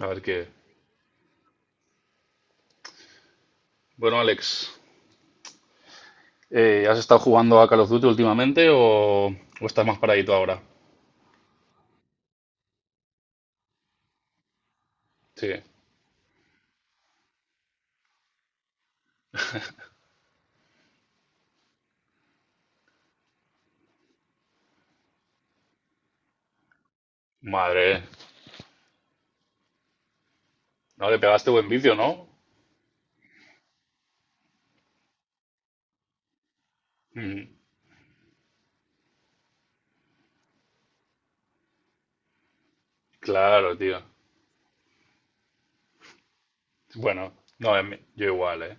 A ver qué. Bueno, Alex, ¿has estado jugando a Call of Duty últimamente o estás más paradito ahora? Sí. Madre, no le pegaste buen vicio, ¿no? Mm, claro, tío. Bueno, no, yo igual, ¿eh?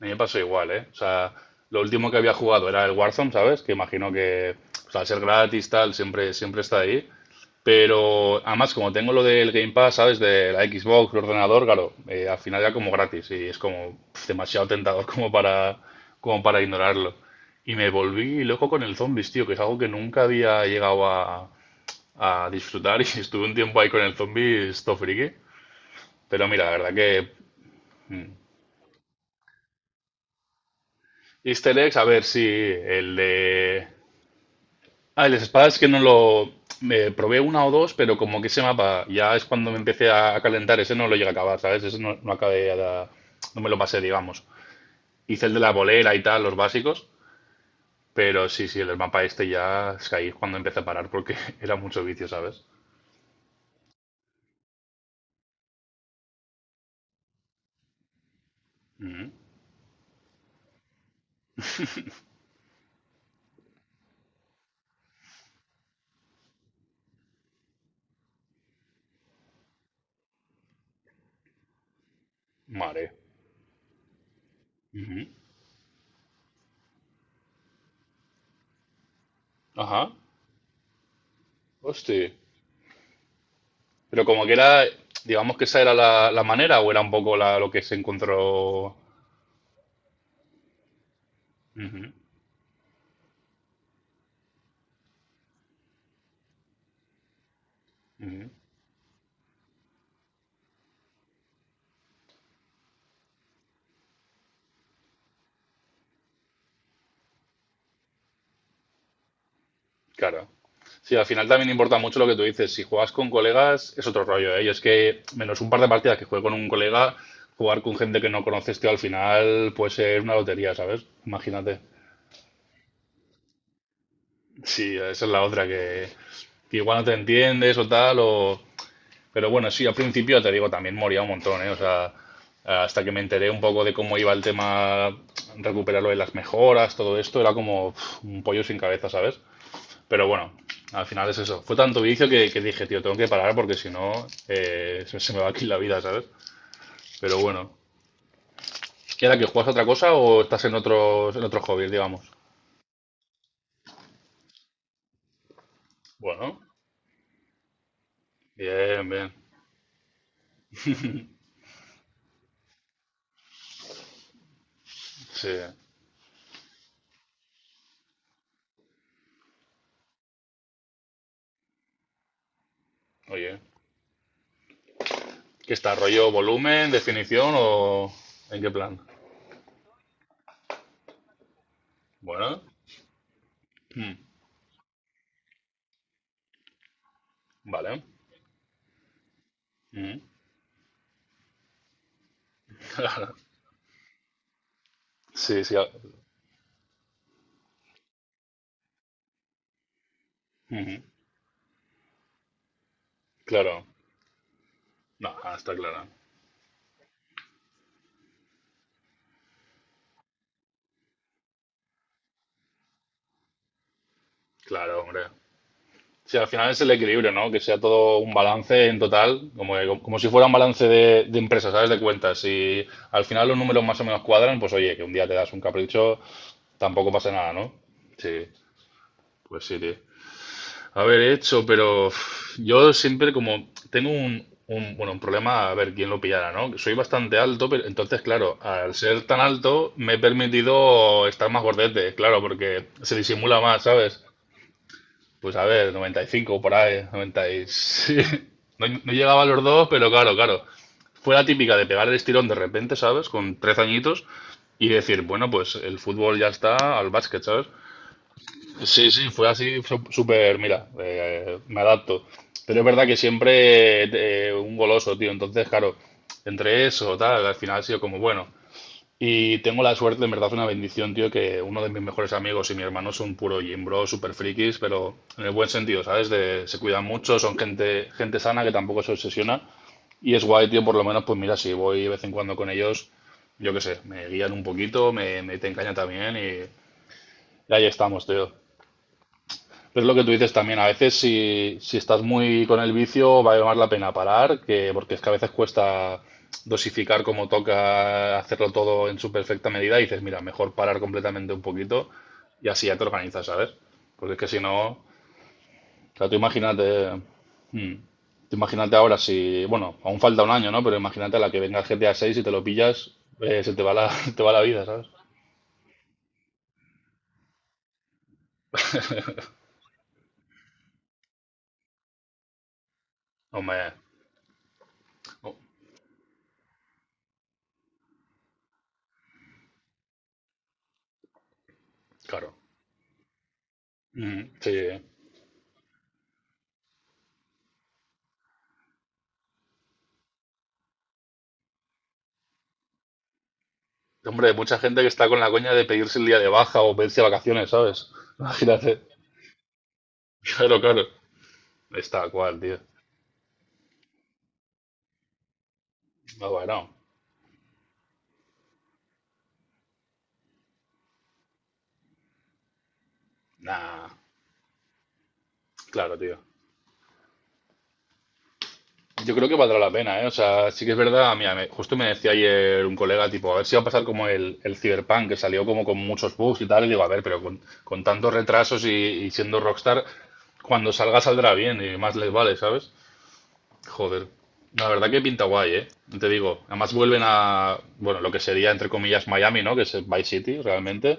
A mí me pasó igual, ¿eh? O sea, lo último que había jugado era el Warzone, ¿sabes? Que imagino que pues, al ser gratis, tal, siempre, siempre está ahí. Pero además, como tengo lo del Game Pass, ¿sabes? De la Xbox, el ordenador, claro, al final ya como gratis y es como pf, demasiado tentador como para ignorarlo. Y me volví loco con el Zombies, tío, que es algo que nunca había llegado a disfrutar y estuve un tiempo ahí con el Zombies, esto friki. Pero mira, la verdad que Easter eggs, a ver si el de. Ah, el espadas que no lo. Me probé una o dos, pero como que ese mapa ya es cuando me empecé a calentar. Ese no lo llegué a acabar, ¿sabes? Ese no, no acabé. No me lo pasé, digamos. Hice el de la bolera y tal, los básicos. Pero sí, sí, el mapa este ya es que ahí es cuando empecé a parar porque era mucho vicio, ¿sabes? Ujú. Vale. Ujú. Ajá. Hostia. Pero como que era. Digamos que esa era la manera o era un poco lo que se encontró. Ujú. Claro. Sí, al final también importa mucho lo que tú dices. Si juegas con colegas, es otro rollo, ¿eh? Yo es que, menos un par de partidas que juegue con un colega, jugar con gente que no conoces, tío, al final puede ser una lotería, ¿sabes? Imagínate. Sí, esa es la otra, que igual no te entiendes o tal. Pero bueno, sí, al principio te digo, también moría un montón, ¿eh? O sea, hasta que me enteré un poco de cómo iba el tema, recuperarlo de las mejoras, todo esto, era como uf, un pollo sin cabeza, ¿sabes? Pero bueno, al final es eso. Fue tanto vicio que dije, tío, tengo que parar porque si no se me va aquí la vida, ¿sabes? Pero bueno. ¿Y ahora que juegas a otra cosa o estás en otros hobbies, digamos? Bueno, bien, bien. Sí. Oye, ¿qué está? ¿Rollo volumen, definición o en qué plan? Bueno, mm, vale. Mm. Sí, sí. Ujú, claro. No, está claro. Claro, hombre. Sí, al final es el equilibrio, ¿no? Que sea todo un balance en total, como, como si fuera un balance de empresas, ¿sabes? De cuentas. Si al final los números más o menos cuadran, pues oye, que un día te das un capricho, tampoco pasa nada, ¿no? Sí, pues sí, tío. A ver, he hecho, pero uf, yo siempre como tengo bueno, un problema, a ver quién lo pillara, ¿no? Soy bastante alto, pero entonces, claro, al ser tan alto me he permitido estar más gordete, claro, porque se disimula más, ¿sabes? Pues a ver, 95 por ahí, 90 sí. No, no llegaba a los dos, pero claro, claro. Fue la típica de pegar el estirón de repente, ¿sabes? Con 13 añitos y decir, bueno, pues el fútbol ya está al básquet, ¿sabes? Sí, sí, fue así, súper, mira, me adapto. Pero es verdad que siempre un goloso, tío. Entonces, claro, entre eso, tal, al final ha sido como, bueno, y tengo la suerte, en verdad, una bendición, tío, que uno de mis mejores amigos y mi hermano son puro gym bro, super frikis, pero en el buen sentido, ¿sabes? De, se cuidan mucho, son gente sana que tampoco se obsesiona. Y es guay, tío, por lo menos, pues mira, si voy de vez en cuando con ellos, yo qué sé, me guían un poquito, me te encañan también y ahí estamos, tío. Es lo que tú dices también, a veces si estás muy con el vicio vale más la pena parar, porque es que a veces cuesta dosificar como toca, hacerlo todo en su perfecta medida y dices, mira, mejor parar completamente un poquito y así ya te organizas, ¿sabes? Porque es que si no, o sea, mm, tú imagínate ahora si, bueno, aún falta un año, ¿no? Pero imagínate a la que venga el GTA 6 y te lo pillas, se te va la, te va la vida, ¿sabes? No me, no, claro, Mm, sí. Hombre, hay mucha gente que está con la coña de pedirse el día de baja o pedirse vacaciones, ¿sabes? Imagínate. Claro, claro. Está cual, tío. No, bueno. Nah. Claro, tío. Yo creo que valdrá la pena, ¿eh? O sea, sí que es verdad. Mira, justo me decía ayer un colega, tipo, a ver si va a pasar como el Cyberpunk, que salió como con muchos bugs y tal. Y digo, a ver, pero con tantos retrasos y siendo Rockstar, cuando salga saldrá bien y más les vale, ¿sabes? Joder, la verdad que pinta guay, ¿eh? No te digo, además vuelven bueno, lo que sería entre comillas Miami, ¿no? Que es el Vice City realmente.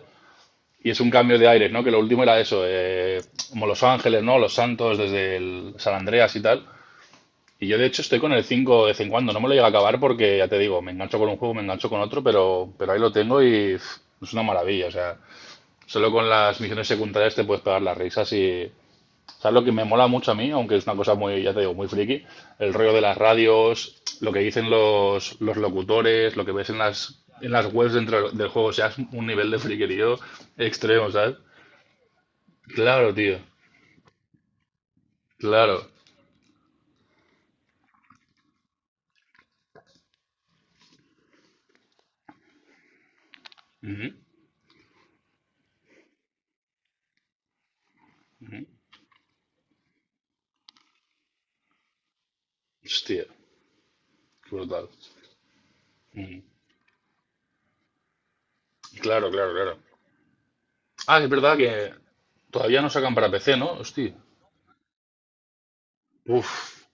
Y es un cambio de aires, ¿no? Que lo último era eso, como Los Ángeles, ¿no? Los Santos desde el San Andreas y tal. Y yo de hecho estoy con el 5 de vez en cuando, no me lo llega a acabar porque ya te digo, me engancho con un juego, me engancho con otro, pero ahí lo tengo y pff, es una maravilla, o sea, solo con las misiones secundarias te puedes pegar las risas y. ¿Sabes lo que me mola mucho a mí? Aunque es una cosa muy, ya te digo, muy friki. El rollo de las radios, lo que dicen los locutores, lo que ves en las webs dentro del juego. O sea, es un nivel de friquerío extremo, ¿sabes? Claro, tío. Claro. Ujú. Hostia, qué brutal. Claro, claro, claro. Ah, es verdad que todavía no sacan para PC, ¿no? Hostia. Uf.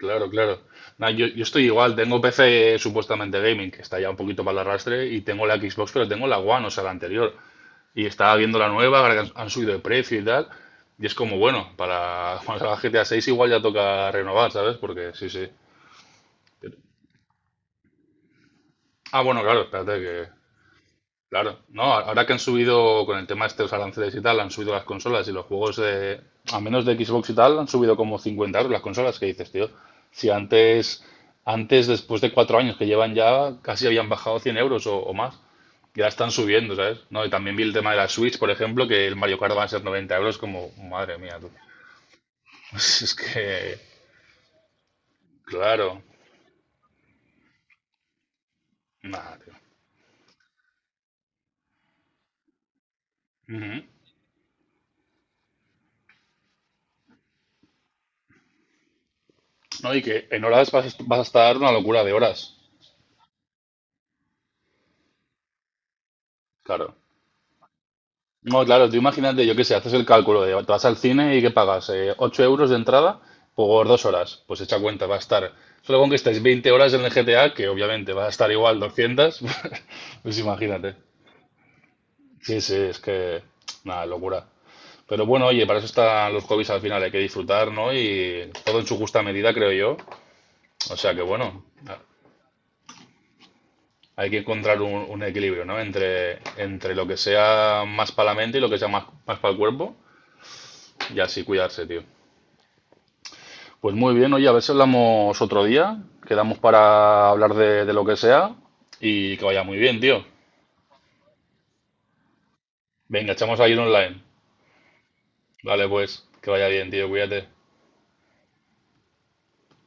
Claro, claro. Nah, yo estoy igual, tengo PC supuestamente gaming, que está ya un poquito para el arrastre, y tengo la Xbox, pero tengo la One, o sea, la anterior. Y estaba viendo la nueva, ahora que han subido de precio y tal, y es como, bueno, para cuando salga GTA 6 igual ya toca renovar, ¿sabes? Porque sí, sí. Ah, bueno, claro, espérate que. Claro, no, ahora que han subido con el tema este de estos aranceles y tal, han subido las consolas y los juegos de, a menos de Xbox y tal, han subido como 50 € las consolas que dices, tío. Si antes, después de 4 años que llevan ya, casi habían bajado 100 € o más, ya están subiendo, ¿sabes? No, y también vi el tema de la Switch, por ejemplo, que el Mario Kart va a ser 90 euros, como, madre mía, tú. Es que, claro, nada, tío. Ujú. No, y que en horas vas, vas a estar una locura de horas, claro. No, claro, tú imagínate, yo qué sé, haces el cálculo de te vas al cine y que pagas 8 € de entrada por 2 horas. Pues echa cuenta, va a estar, solo con que estés 20 horas en el GTA, que obviamente va a estar igual 200 pues imagínate. Sí, sí, es que, nada, locura. Pero bueno, oye, para eso están los hobbies al final, hay que disfrutar, ¿no? Y todo en su justa medida, creo yo. O sea que bueno, hay que encontrar un equilibrio, ¿no? Entre lo que sea más para la mente y lo que sea más para el cuerpo, y así cuidarse, tío. Pues muy bien, oye, a ver si hablamos otro día, quedamos para hablar de lo que sea y que vaya muy bien, tío. Venga, echamos ahí un online. Vale, pues, que vaya bien, tío, cuídate.